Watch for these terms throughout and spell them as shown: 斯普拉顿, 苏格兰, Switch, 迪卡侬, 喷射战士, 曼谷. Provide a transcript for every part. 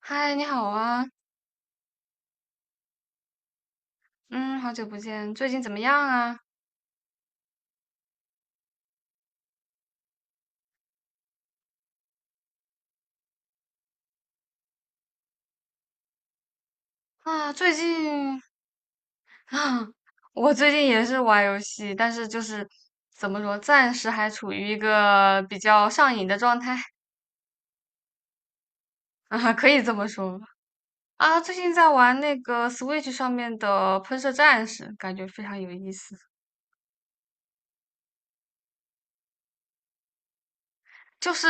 嗨，你好啊。嗯，好久不见，最近怎么样啊？啊，最近 啊，我最近也是玩游戏，但是就是怎么说，暂时还处于一个比较上瘾的状态。 啊，可以这么说吧。啊，最近在玩那个 Switch 上面的《喷射战士》，感觉非常有意思。就是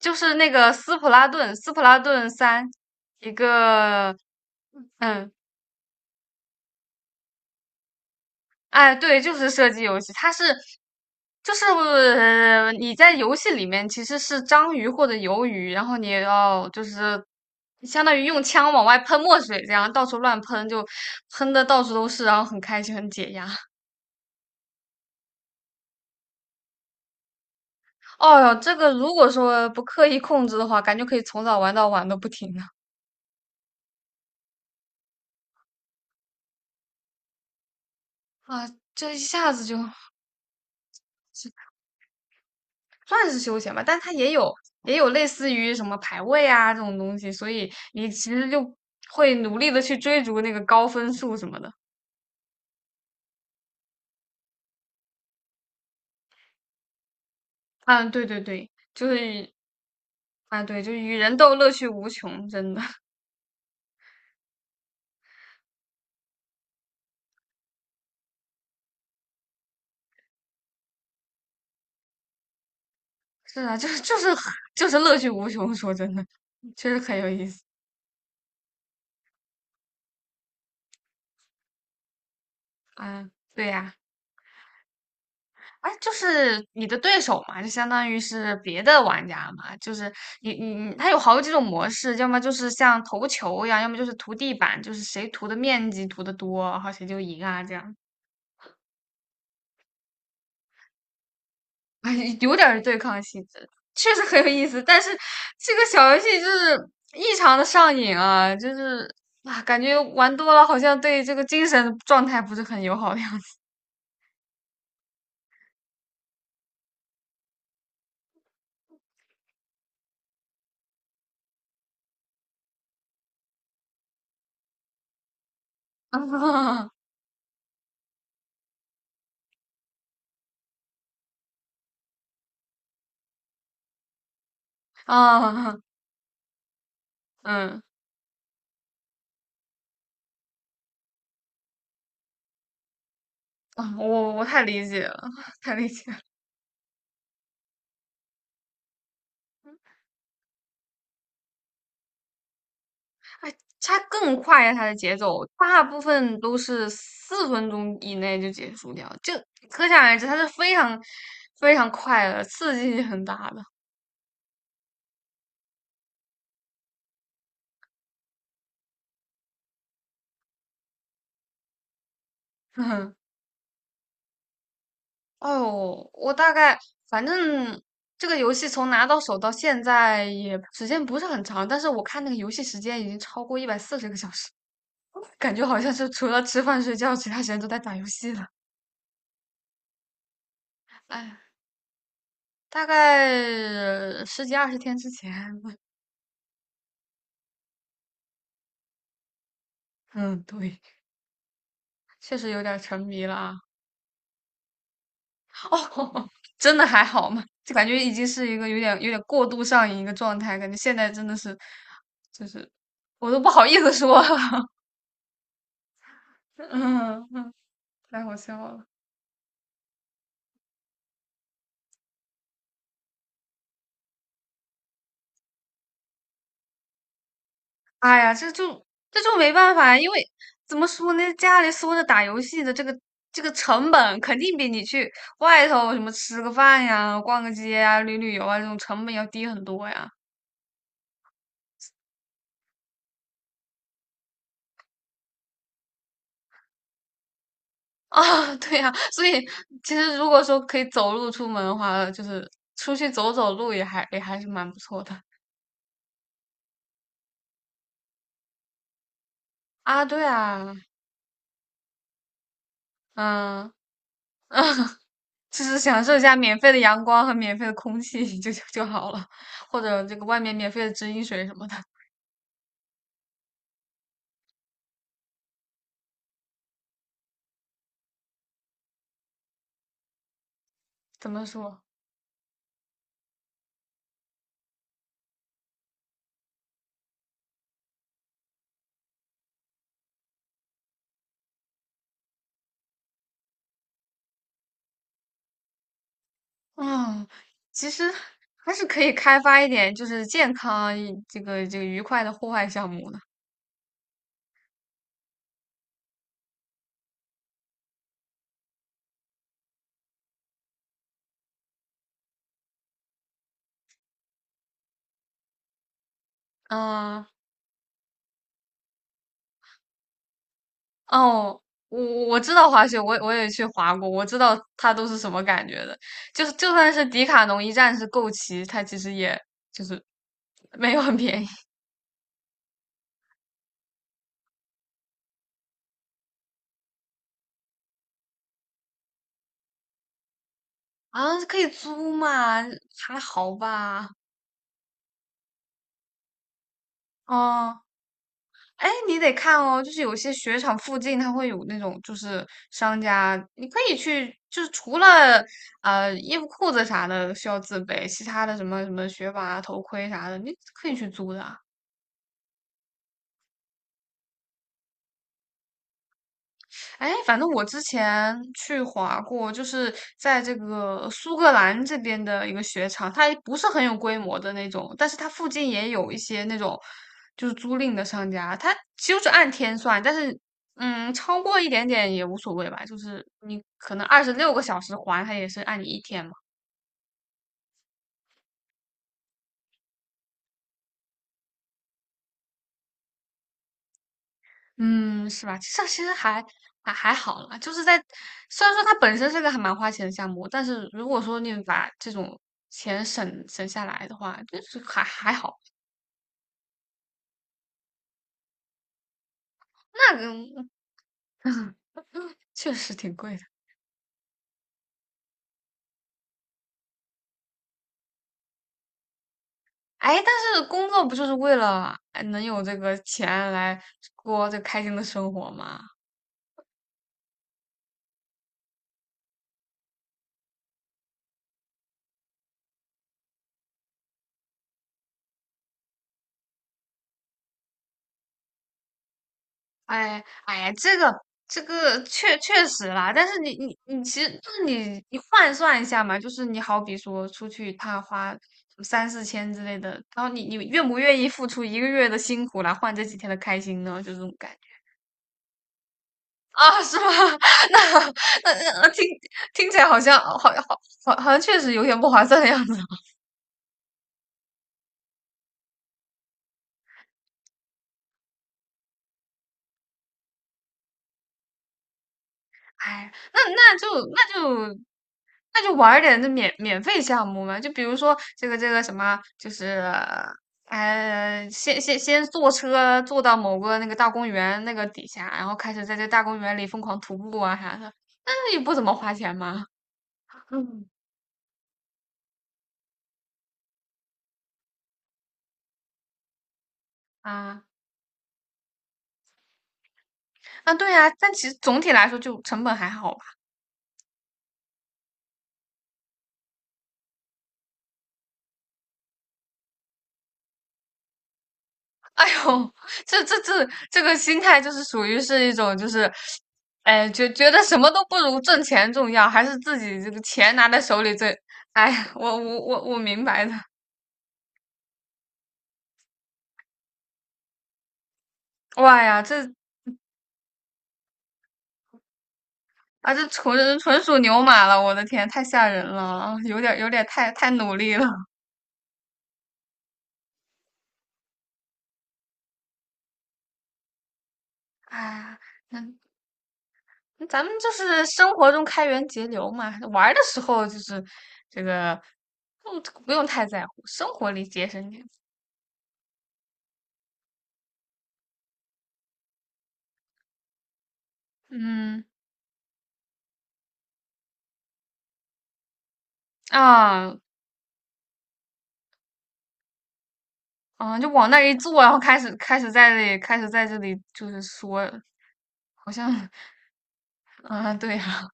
就是那个斯普拉顿三，一个。嗯。哎，对，就是射击游戏。就是你在游戏里面其实是章鱼或者鱿鱼，然后你要就是相当于用枪往外喷墨水，这样到处乱喷，就喷的到处都是，然后很开心，很解压。哦哟，这个如果说不刻意控制的话，感觉可以从早玩到晚都不停的。啊，这一下子就算是休闲吧，但它也有类似于什么排位啊这种东西，所以你其实就会努力的去追逐那个高分数什么的。啊，对对对。啊，对，就是与人斗，乐趣无穷，真的。 是啊，就是 就是乐趣无穷，说真的，确实很有意思。啊，对呀。哎，就是你的对手嘛，就相当于是别的玩家嘛，就是你，它有好几种模式，要么就是像投球一样，要么就是涂地板，就是谁涂的面积涂的多，然后谁就赢啊，这样。哎，有点儿对抗性质，确实很有意思。但是这个小游戏就是异常的上瘾啊。就是啊，感觉玩多了好像对这个精神状态不是很友好的样子。 啊。嗯。啊，我太理解了。太理解了。它更快呀，它的节奏大部分都是4分钟以内就结束掉，就可想而知，它是非常非常快的，刺激性很大的。嗯。哎呦，我大概反正这个游戏从拿到手到现在也时间不是很长，但是我看那个游戏时间已经超过140个小时，感觉好像是除了吃饭睡觉，其他时间都在打游戏了。哎，大概十几二十天之前。嗯，对，确实有点沉迷了啊。哦，真的还好吗？就感觉已经是一个有点过度上瘾一个状态，感觉现在真的是，就是我都不好意思说。嗯嗯，太好笑了。哎呀，这就没办法，因为怎么说呢，家里缩着打游戏的这个成本，肯定比你去外头什么吃个饭呀、逛个街呀、旅游啊这种成本要低很多呀。啊。对呀，所以其实如果说可以走路出门的话，就是出去走走路也还是蛮不错的。啊，对啊。嗯，就是享受一下免费的阳光和免费的空气。 就好了，或者这个外面免费的直饮水什么的。怎么说？啊，其实还是可以开发一点，就是健康这个愉快的户外项目的。嗯。哦，我我知道滑雪，我也去滑过，我知道它都是什么感觉的。就是就算是迪卡侬一站式购齐，它其实也就是没有很便宜。啊，可以租嘛，还好吧。哦。哎，你得看哦，就是有些雪场附近它会有那种就是商家，你可以去，就是除了衣服裤子啥的需要自备，其他的什么什么雪板啊、头盔啥的，你可以去租的啊。哎，反正我之前去滑过，就是在这个苏格兰这边的一个雪场，它不是很有规模的那种，但是它附近也有一些那种就是租赁的商家，它就是按天算。但是超过一点点也无所谓吧，就是你可能26个小时还，它也是按你一天嘛。嗯，是吧？其实还好啦，就是在虽然说它本身是个还蛮花钱的项目，但是如果说你把这种钱省省下来的话，就是还好。那个 确实挺贵的。哎，但是工作不就是为了哎能有这个钱来过这开心的生活吗？哎哎呀，这个确确实啦，但是你其实就是你换算一下嘛，就是你好比说出去他花三四千之类的，然后你愿不愿意付出1个月的辛苦来换这几天的开心呢？就这种感觉啊，是吗？那那听起来好像好好好好像确实有点不划算的样子。哎，那那就那就。那就玩儿点那免费项目嘛，就比如说这个什么，就是先坐车坐到某个那个大公园那个底下，然后开始在这大公园里疯狂徒步啊啥的，那也不怎么花钱嘛。嗯。啊，啊，对呀、但其实总体来说就成本还好吧。哎呦，这这这这个心态就是属于是一种就是，哎，觉得什么都不如挣钱重要，还是自己这个钱拿在手里最，哎呀，我明白的。哇呀，这纯属牛马了，我的天，太吓人了啊，有点太努力了。哎，那那咱们就是生活中开源节流嘛，玩儿的时候就是这个，不用太在乎，生活里节省点。嗯啊。啊，就往那一坐，然后开始在这里就是说，好像。 啊，对呀，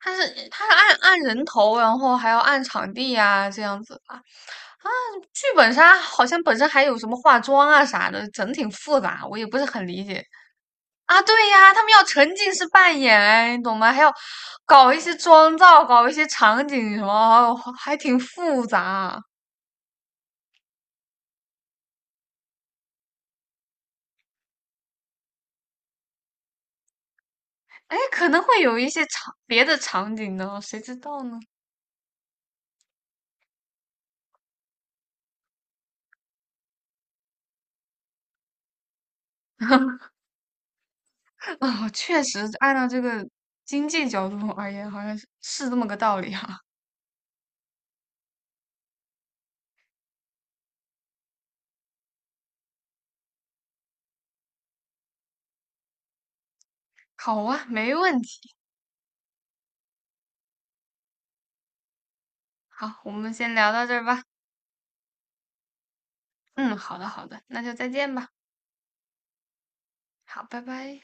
他是按人头，然后还要按场地呀、这样子吧。啊，剧本杀好像本身还有什么化妆啊啥的，整挺复杂，我也不是很理解。啊。对呀，他们要沉浸式扮演，哎，你懂吗？还要搞一些妆造，搞一些场景什么，还挺复杂啊。哎，可能会有一些别的场景呢，谁知道呢？啊，确实按照这个经济角度而言，好像是这么个道理哈。好啊，没问题。好，我们先聊到这儿吧。嗯，好的，好的，那就再见吧。好，拜拜。